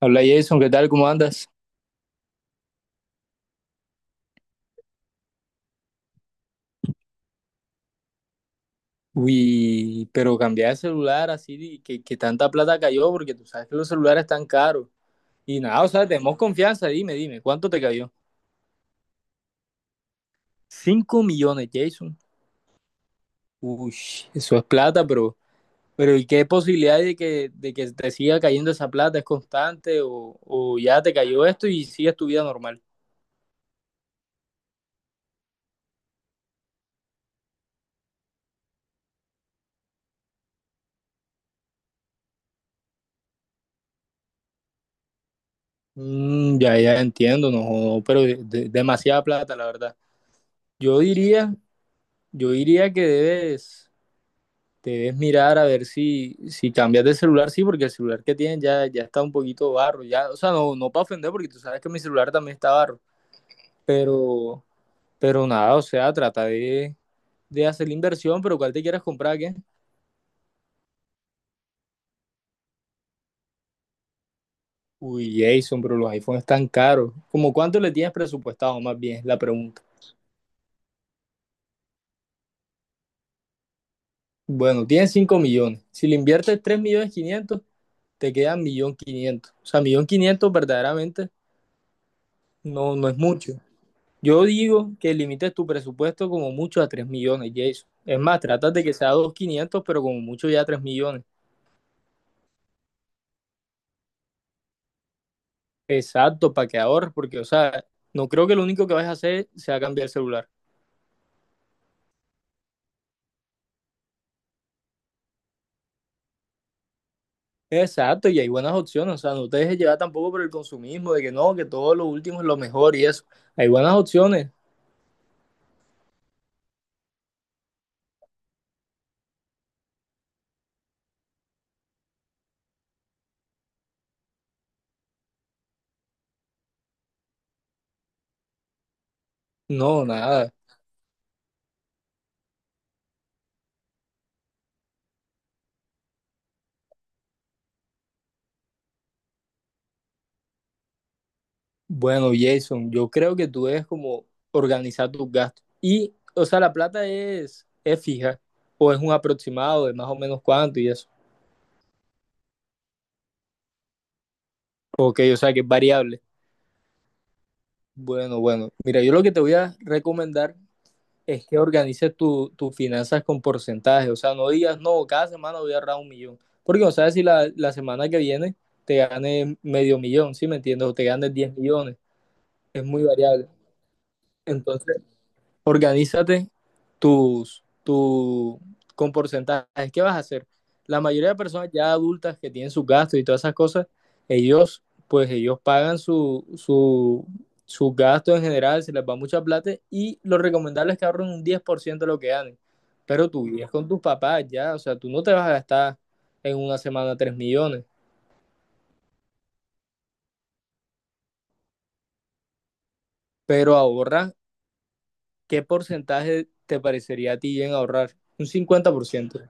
Habla Jason, ¿qué tal? ¿Cómo andas? Uy, pero cambiar de celular así, que tanta plata cayó, porque tú sabes que los celulares están caros. Y nada, o sea, tenemos confianza, dime, dime, ¿cuánto te cayó? 5 millones, Jason. Uy, eso es plata, pero ¿y qué posibilidad hay de que te siga cayendo esa plata? ¿Es constante o ya te cayó esto y sigues tu vida normal? Ya entiendo, no, jodo, pero demasiada plata, la verdad. Yo diría, yo diría que debes. Debes mirar a ver si cambias de celular, sí, porque el celular que tienes ya está un poquito barro, ya, o sea, no, no para ofender, porque tú sabes que mi celular también está barro, pero, pero nada, o sea, trata de hacer la inversión, pero ¿cuál te quieres comprar, qué? Uy, Jason, pero los iPhones están caros. ¿Cómo cuánto le tienes presupuestado, más bien, es la pregunta? Bueno, tienes 5 millones, si le inviertes 3 millones quinientos te quedan millón quinientos, o sea, millón quinientos verdaderamente no es mucho. Yo digo que limites tu presupuesto como mucho a 3 millones, Jason. Es más, trata de que sea 2.500, pero como mucho ya 3 millones. Exacto, para que ahorres, porque, o sea, no creo que lo único que vas a hacer sea cambiar el celular. Exacto, y hay buenas opciones, o sea, no te dejes llevar tampoco por el consumismo, de que no, que todo lo último es lo mejor y eso. Hay buenas opciones. No, nada. Bueno, Jason, yo creo que tú debes como organizar tus gastos. Y, o sea, la plata es fija, o es un aproximado de más o menos cuánto y eso. Ok, o sea que es variable. Bueno, bueno. Mira, yo lo que te voy a recomendar es que organices tus finanzas con porcentaje. O sea, no digas, no, cada semana voy a ahorrar 1 millón. Porque no sabes si la semana que viene te ganes medio millón, ¿sí me entiendes? O te ganes 10 millones. Es muy variable. Entonces, organízate tus, tu, con porcentajes. ¿Qué vas a hacer? La mayoría de personas ya adultas que tienen sus gastos y todas esas cosas, ellos, pues ellos pagan sus gastos en general, se les va mucha plata y lo recomendable es que ahorren un 10% de lo que ganen. Pero tú vives con tus papás ya, o sea, tú no te vas a gastar en una semana 3 millones, pero ahorra, ¿qué porcentaje te parecería a ti bien ahorrar? Un 50%.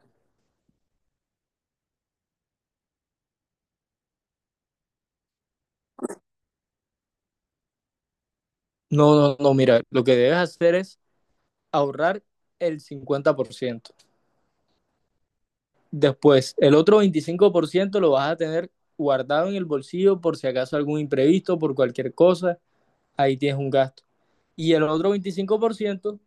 No, no, no, mira, lo que debes hacer es ahorrar el 50%. Después, el otro 25% lo vas a tener guardado en el bolsillo por si acaso algún imprevisto, por cualquier cosa, ahí tienes un gasto. Y el otro 25%,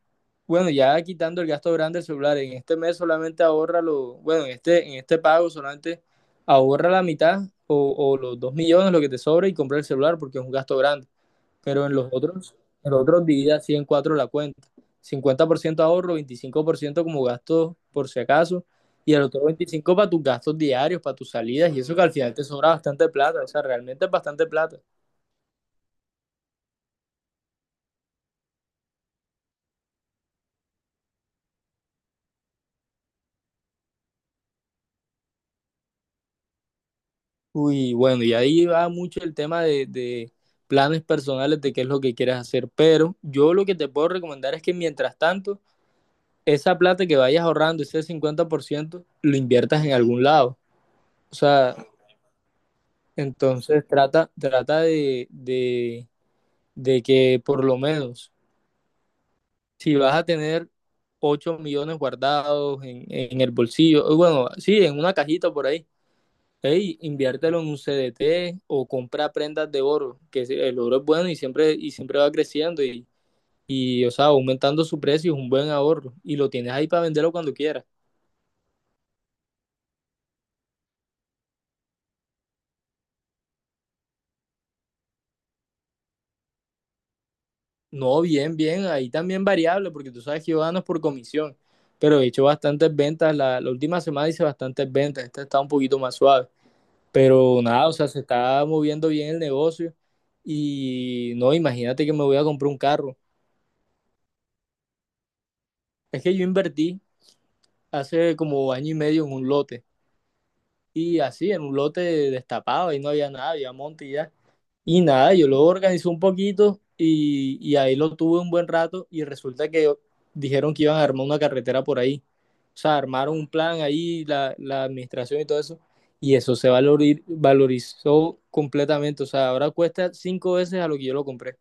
bueno, ya quitando el gasto grande del celular, en este mes solamente ahorra lo, bueno, en este, pago solamente ahorra la mitad o los 2 millones, lo que te sobra y compra el celular porque es un gasto grande, pero en los otros divide así en cuatro la cuenta. 50% ahorro, 25% como gasto por si acaso, y el otro 25% para tus gastos diarios, para tus salidas, y eso que al final te sobra bastante plata, o sea, realmente es bastante plata. Uy, bueno, y ahí va mucho el tema de planes personales de qué es lo que quieres hacer, pero yo lo que te puedo recomendar es que mientras tanto, esa plata que vayas ahorrando, ese 50% lo inviertas en algún lado. O sea, entonces trata de que por lo menos si vas a tener 8 millones guardados en el bolsillo, bueno, sí, en una cajita por ahí, hey, inviértelo en un CDT o compra prendas de oro, que el oro es bueno y siempre va creciendo o sea, aumentando su precio es un buen ahorro y lo tienes ahí para venderlo cuando quieras. No, bien, bien, ahí también variable, porque tú sabes que yo gano por comisión, pero he hecho bastantes ventas, la última semana hice bastantes ventas, esta está un poquito más suave. Pero nada, o sea, se está moviendo bien el negocio y no, imagínate que me voy a comprar un carro. Es que yo invertí hace como año y medio en un lote y así, en un lote destapado ahí no había nada, había monte y ya. Y nada, yo lo organizé un poquito y ahí lo tuve un buen rato y resulta que dijeron que iban a armar una carretera por ahí. O sea, armaron un plan ahí, la administración y todo eso y eso se valorizó completamente. O sea, ahora cuesta 5 veces a lo que yo lo compré.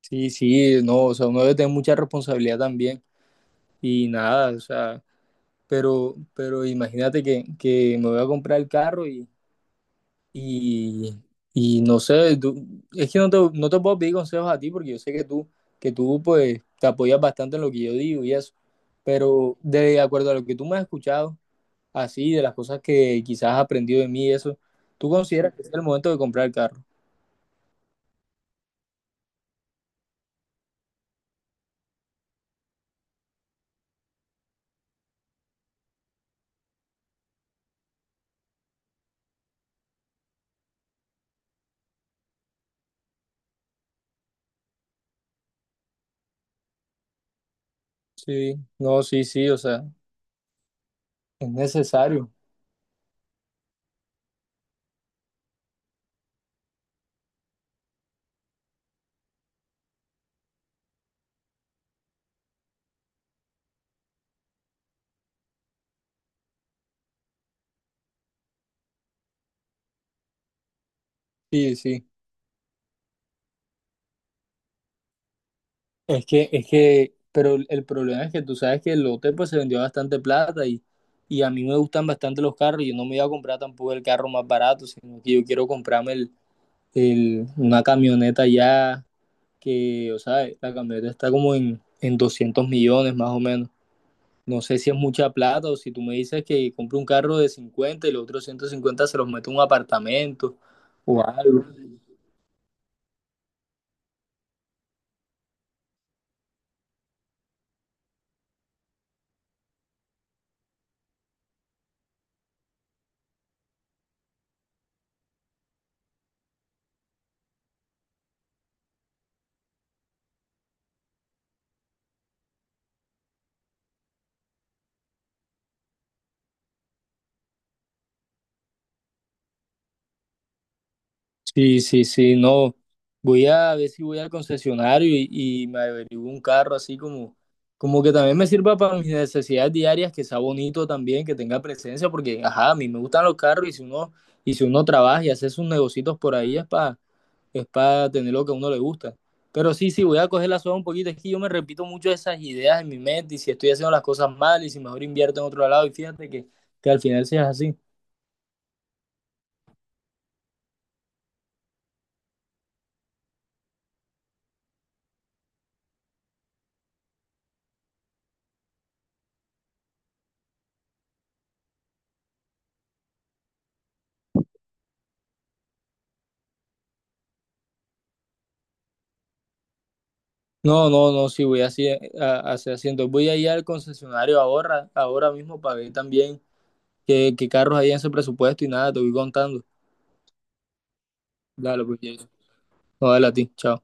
Sí, sí, no, o sea, uno debe tener mucha responsabilidad también y nada, o sea, pero imagínate que me voy a comprar el carro y, y no sé, es que no te puedo pedir consejos a ti porque yo sé que tú, pues te apoyas bastante en lo que yo digo y eso, pero de acuerdo a lo que tú me has escuchado, así, de las cosas que quizás has aprendido de mí y eso, ¿tú consideras que es el momento de comprar el carro? Sí, no, sí, sí, o sea, es necesario, sí, sí. Es que, pero el problema es que tú sabes que el lote pues se vendió bastante plata y a mí me gustan bastante los carros. Yo no me iba a comprar tampoco el carro más barato, sino que yo quiero comprarme una camioneta ya que, o sea, la camioneta está como en, 200 millones más o menos. No sé si es mucha plata o si tú me dices que compre un carro de 50 y los otros 150 se los meto en un apartamento o algo. Sí, sí, sí, no. Voy a ver si voy al concesionario y me averiguo un carro así como que también me sirva para mis necesidades diarias, que sea bonito también, que tenga presencia, porque ajá, a mí me gustan los carros y si uno, trabaja y hace sus negocios por ahí es para tener lo que a uno le gusta. Pero sí, sí, voy a coger la soga un poquito, es que yo me repito mucho esas ideas en mi mente y si estoy haciendo las cosas mal y si mejor invierto en otro lado y fíjate que al final seas así. No, no, no, sí voy así, así haciendo. Voy a ir al concesionario ahora, ahora mismo para ver también qué carros hay en ese presupuesto y nada, te voy contando. Dale, pues, Jason. No, Dale a ti, chao.